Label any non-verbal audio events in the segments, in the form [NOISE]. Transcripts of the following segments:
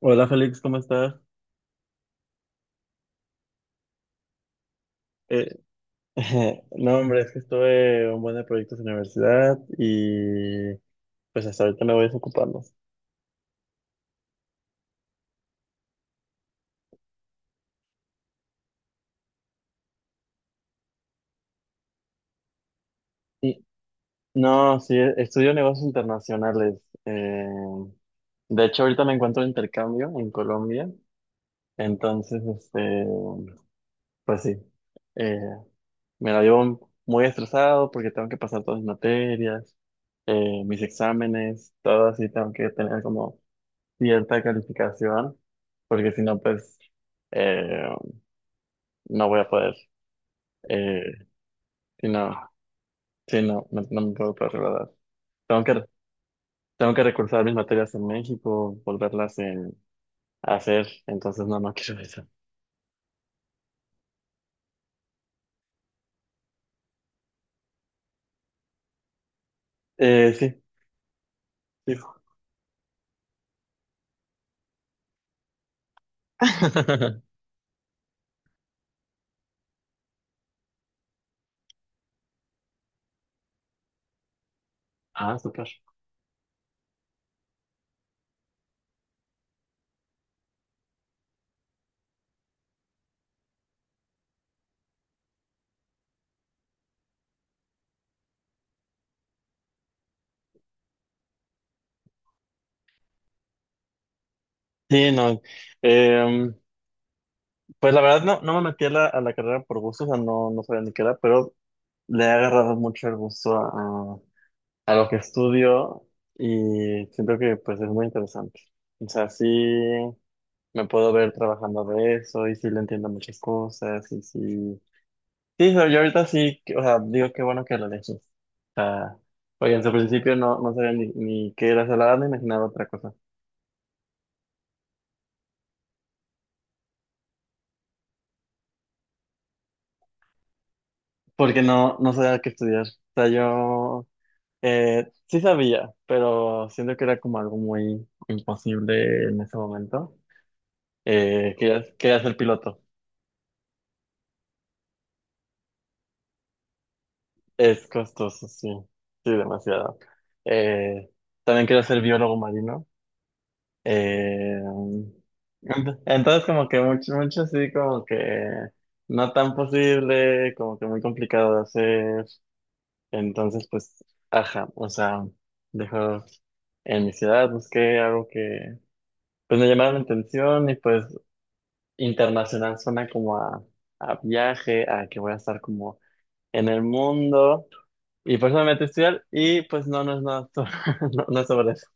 Hola Félix, ¿cómo estás? Eh, [LAUGHS] no, hombre, es que estuve un buen de proyectos en la universidad y pues hasta ahorita me voy desocupando. Y, no, sí, estudio negocios internacionales. De hecho, ahorita me encuentro de intercambio en Colombia, entonces, pues sí, eh, me la llevo muy estresado porque tengo que pasar todas mis materias, mis exámenes, todo así, tengo que tener como cierta calificación, porque si no, pues eh, no voy a poder, eh, si no, si no me puedo poder graduar. Tengo que, tengo que recursar mis materias en México, volverlas a hacer, entonces no quiero eso. Sí, sí. [LAUGHS] Ah, súper. Sí, no. eh, pues la verdad no me metí a a la carrera por gusto, o sea, no sabía ni qué era, pero le he agarrado mucho el gusto a lo que estudio y siento que pues es muy interesante. O sea, sí me puedo ver trabajando de eso y sí le entiendo muchas cosas y sí... Sí, o sea, yo ahorita sí, o sea, digo qué bueno que lo elegí. O sea, oye, en su principio no sabía ni qué era salada, me imaginaba otra cosa. Porque no sabía qué estudiar. O sea, yo sí sabía, pero siento que era como algo muy imposible en ese momento. Eh, quería ser piloto. Es costoso, sí, sí, demasiado. Eh, también quiero ser biólogo marino. Eh, entonces, como que mucho, mucho sí, como que no tan posible, como que muy complicado de hacer. Entonces, pues, ajá, o sea, dejo en mi ciudad, busqué algo que, pues, me llamara la atención y pues internacional suena como a viaje, a que voy a estar como en el mundo. Y por eso me metí a estudiar y pues no, no es nada, [LAUGHS] no, no es sobre eso.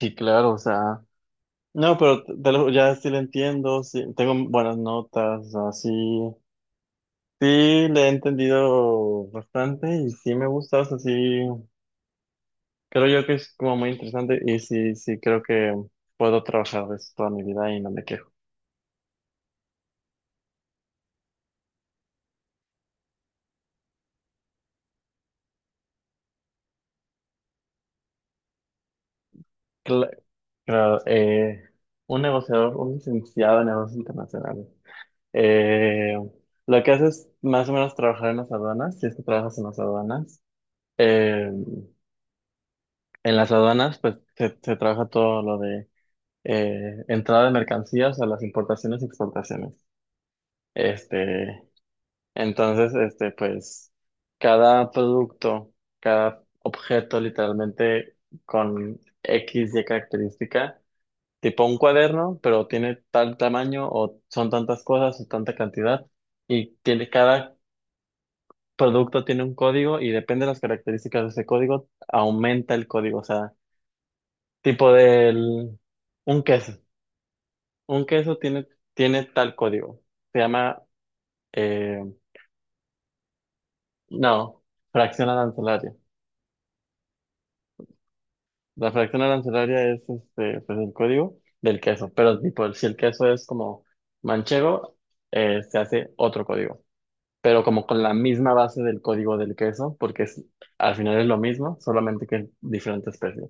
Sí, claro, o sea, no, pero ya sí lo entiendo, sí, tengo buenas notas, o sea, sí, sí le he entendido bastante y sí me gusta, o sea, sí, creo yo que es como muy interesante y sí, sí, creo que puedo trabajar de eso toda mi vida y no me quejo. Cla- Claro, un negociador, un licenciado en negocios internacionales. Eh, lo que haces es más o menos trabajar en las aduanas, si es que trabajas en las aduanas. Eh, en las aduanas, pues se trabaja todo lo de entrada de mercancías a las importaciones y exportaciones. Este, entonces, pues cada producto, cada objeto literalmente con X y característica, tipo un cuaderno, pero tiene tal tamaño o son tantas cosas o tanta cantidad y tiene cada producto tiene un código y depende de las características de ese código, aumenta el código. O sea, tipo del, un queso. Un queso tiene, tiene tal código. Se llama, eh, no, fracción arancelaria. La fracción arancelaria es este, pues el código del queso. Pero tipo, si el queso es como manchego, se hace otro código. Pero como con la misma base del código del queso, porque al final es lo mismo, solamente que es diferente especie.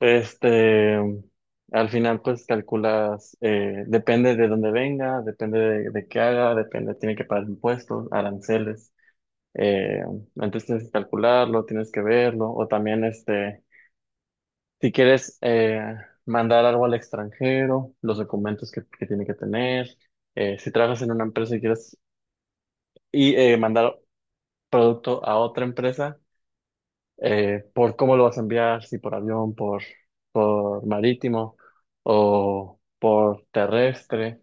Este, al final, pues calculas, depende de dónde venga, depende de qué haga, depende, tiene que pagar impuestos, aranceles. Eh, Antes tienes que calcularlo, tienes que verlo, o también, este, si quieres mandar algo al extranjero, los documentos que tiene que tener. Si trabajas en una empresa y quieres y, mandar producto a otra empresa por cómo lo vas a enviar, si por avión, por marítimo o por terrestre.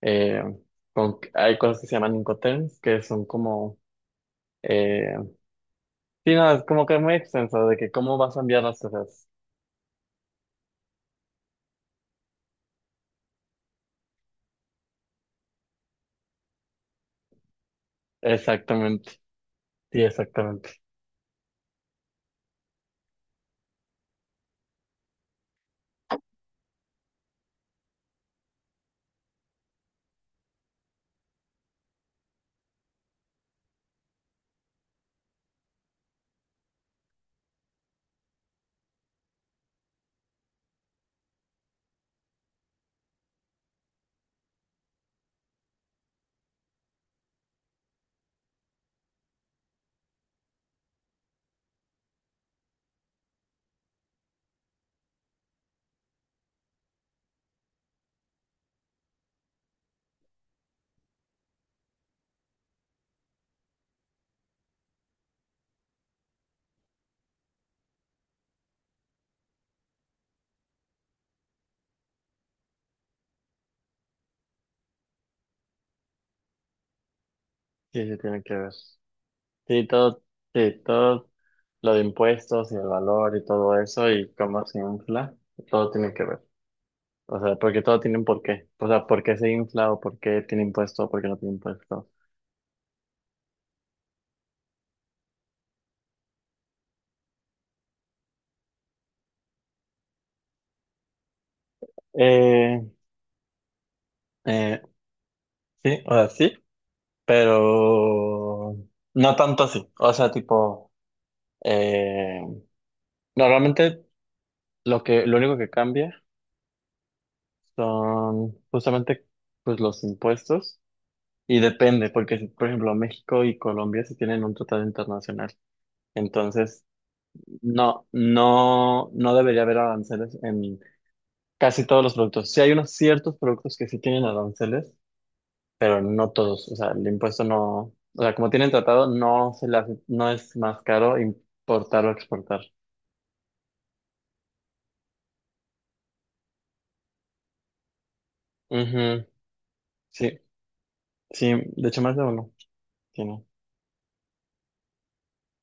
Eh, Hay cosas que se llaman Incoterms, que son como... Eh, sí, no, es como que es muy extenso de que cómo vas a enviar las cosas. Exactamente, sí, exactamente. Sí, sí, tiene que ver. Sí, todo, sí, todo lo de impuestos y el valor y todo eso y cómo se infla, todo tiene que ver. O sea, porque todo tiene un porqué. O sea, ¿por qué se infla o por qué tiene impuesto o por qué no tiene impuesto? Eh, eh, sí, o sea, sí, pero no tanto así. O sea, tipo, eh, normalmente lo único que cambia son justamente pues los impuestos y depende, porque si, por ejemplo, México y Colombia se tienen un tratado internacional. Entonces, no debería haber aranceles en casi todos los productos. Sí, hay unos ciertos productos que sí tienen aranceles, pero no todos. O sea, el impuesto no, o sea, como tienen tratado, no se le no es más caro importar o exportar. Ujú, sí, sí, de hecho más de uno tiene.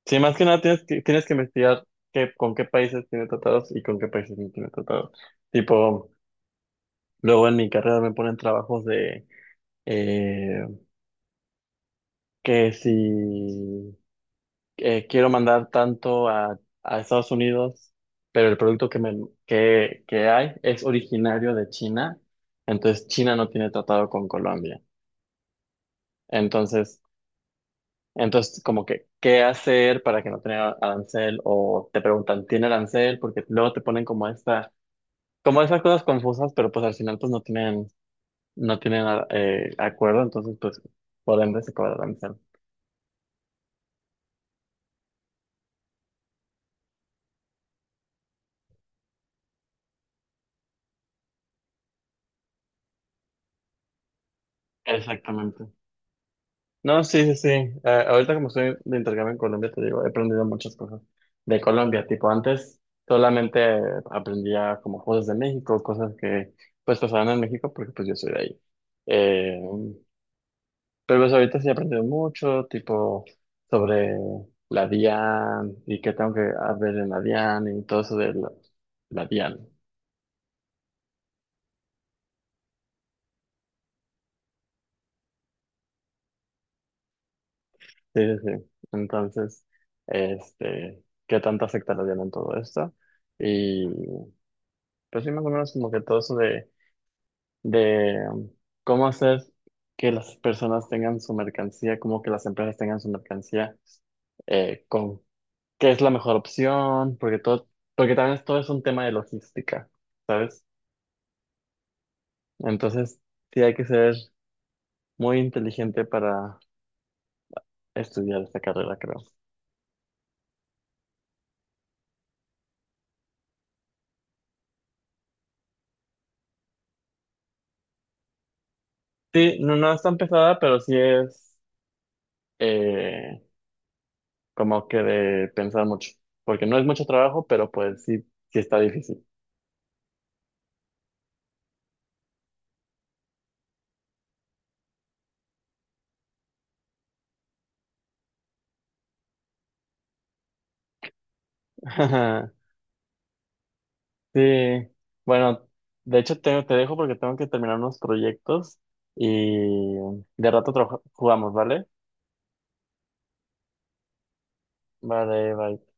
Sí, más que nada tienes tienes que investigar qué, con qué países tiene tratados y con qué países no tiene tratados. Tipo, luego en mi carrera me ponen trabajos de eh, que si quiero mandar tanto a Estados Unidos, pero el producto que hay es originario de China, entonces China no tiene tratado con Colombia. Entonces, entonces como que, ¿qué hacer para que no tenga arancel? O te preguntan, ¿tiene arancel? Porque luego te ponen como como esas cosas confusas, pero pues al final pues no tienen, no tienen acuerdo, entonces pues por ende se cobra arancel. Exactamente. No, sí, sí, sí. Ah, ahorita como estoy de intercambio en Colombia, te digo, he aprendido muchas cosas de Colombia. Tipo, antes solamente aprendía como cosas de México, cosas que pues pasaban en México porque pues yo soy de ahí. Eh, pero pues ahorita sí he aprendido mucho, tipo, sobre la DIAN y qué tengo que hacer en la DIAN y todo eso de la DIAN. Sí, sí, sí. Entonces, este, qué tanto afecta la DIAN en todo esto. Pero sí más o menos como que todo eso de cómo hacer que las personas tengan su mercancía, cómo que las empresas tengan su mercancía, con qué es la mejor opción, porque todo, porque también todo es un tema de logística, ¿sabes? Entonces sí hay que ser muy inteligente para estudiar esta carrera, creo. Sí, no, no es tan pesada, pero sí es eh, como que de pensar mucho, porque no es mucho trabajo, pero pues sí, sí está difícil. [LAUGHS] Sí, bueno, de hecho te dejo porque tengo que terminar unos proyectos y de rato jugamos, ¿vale? Vale, bye.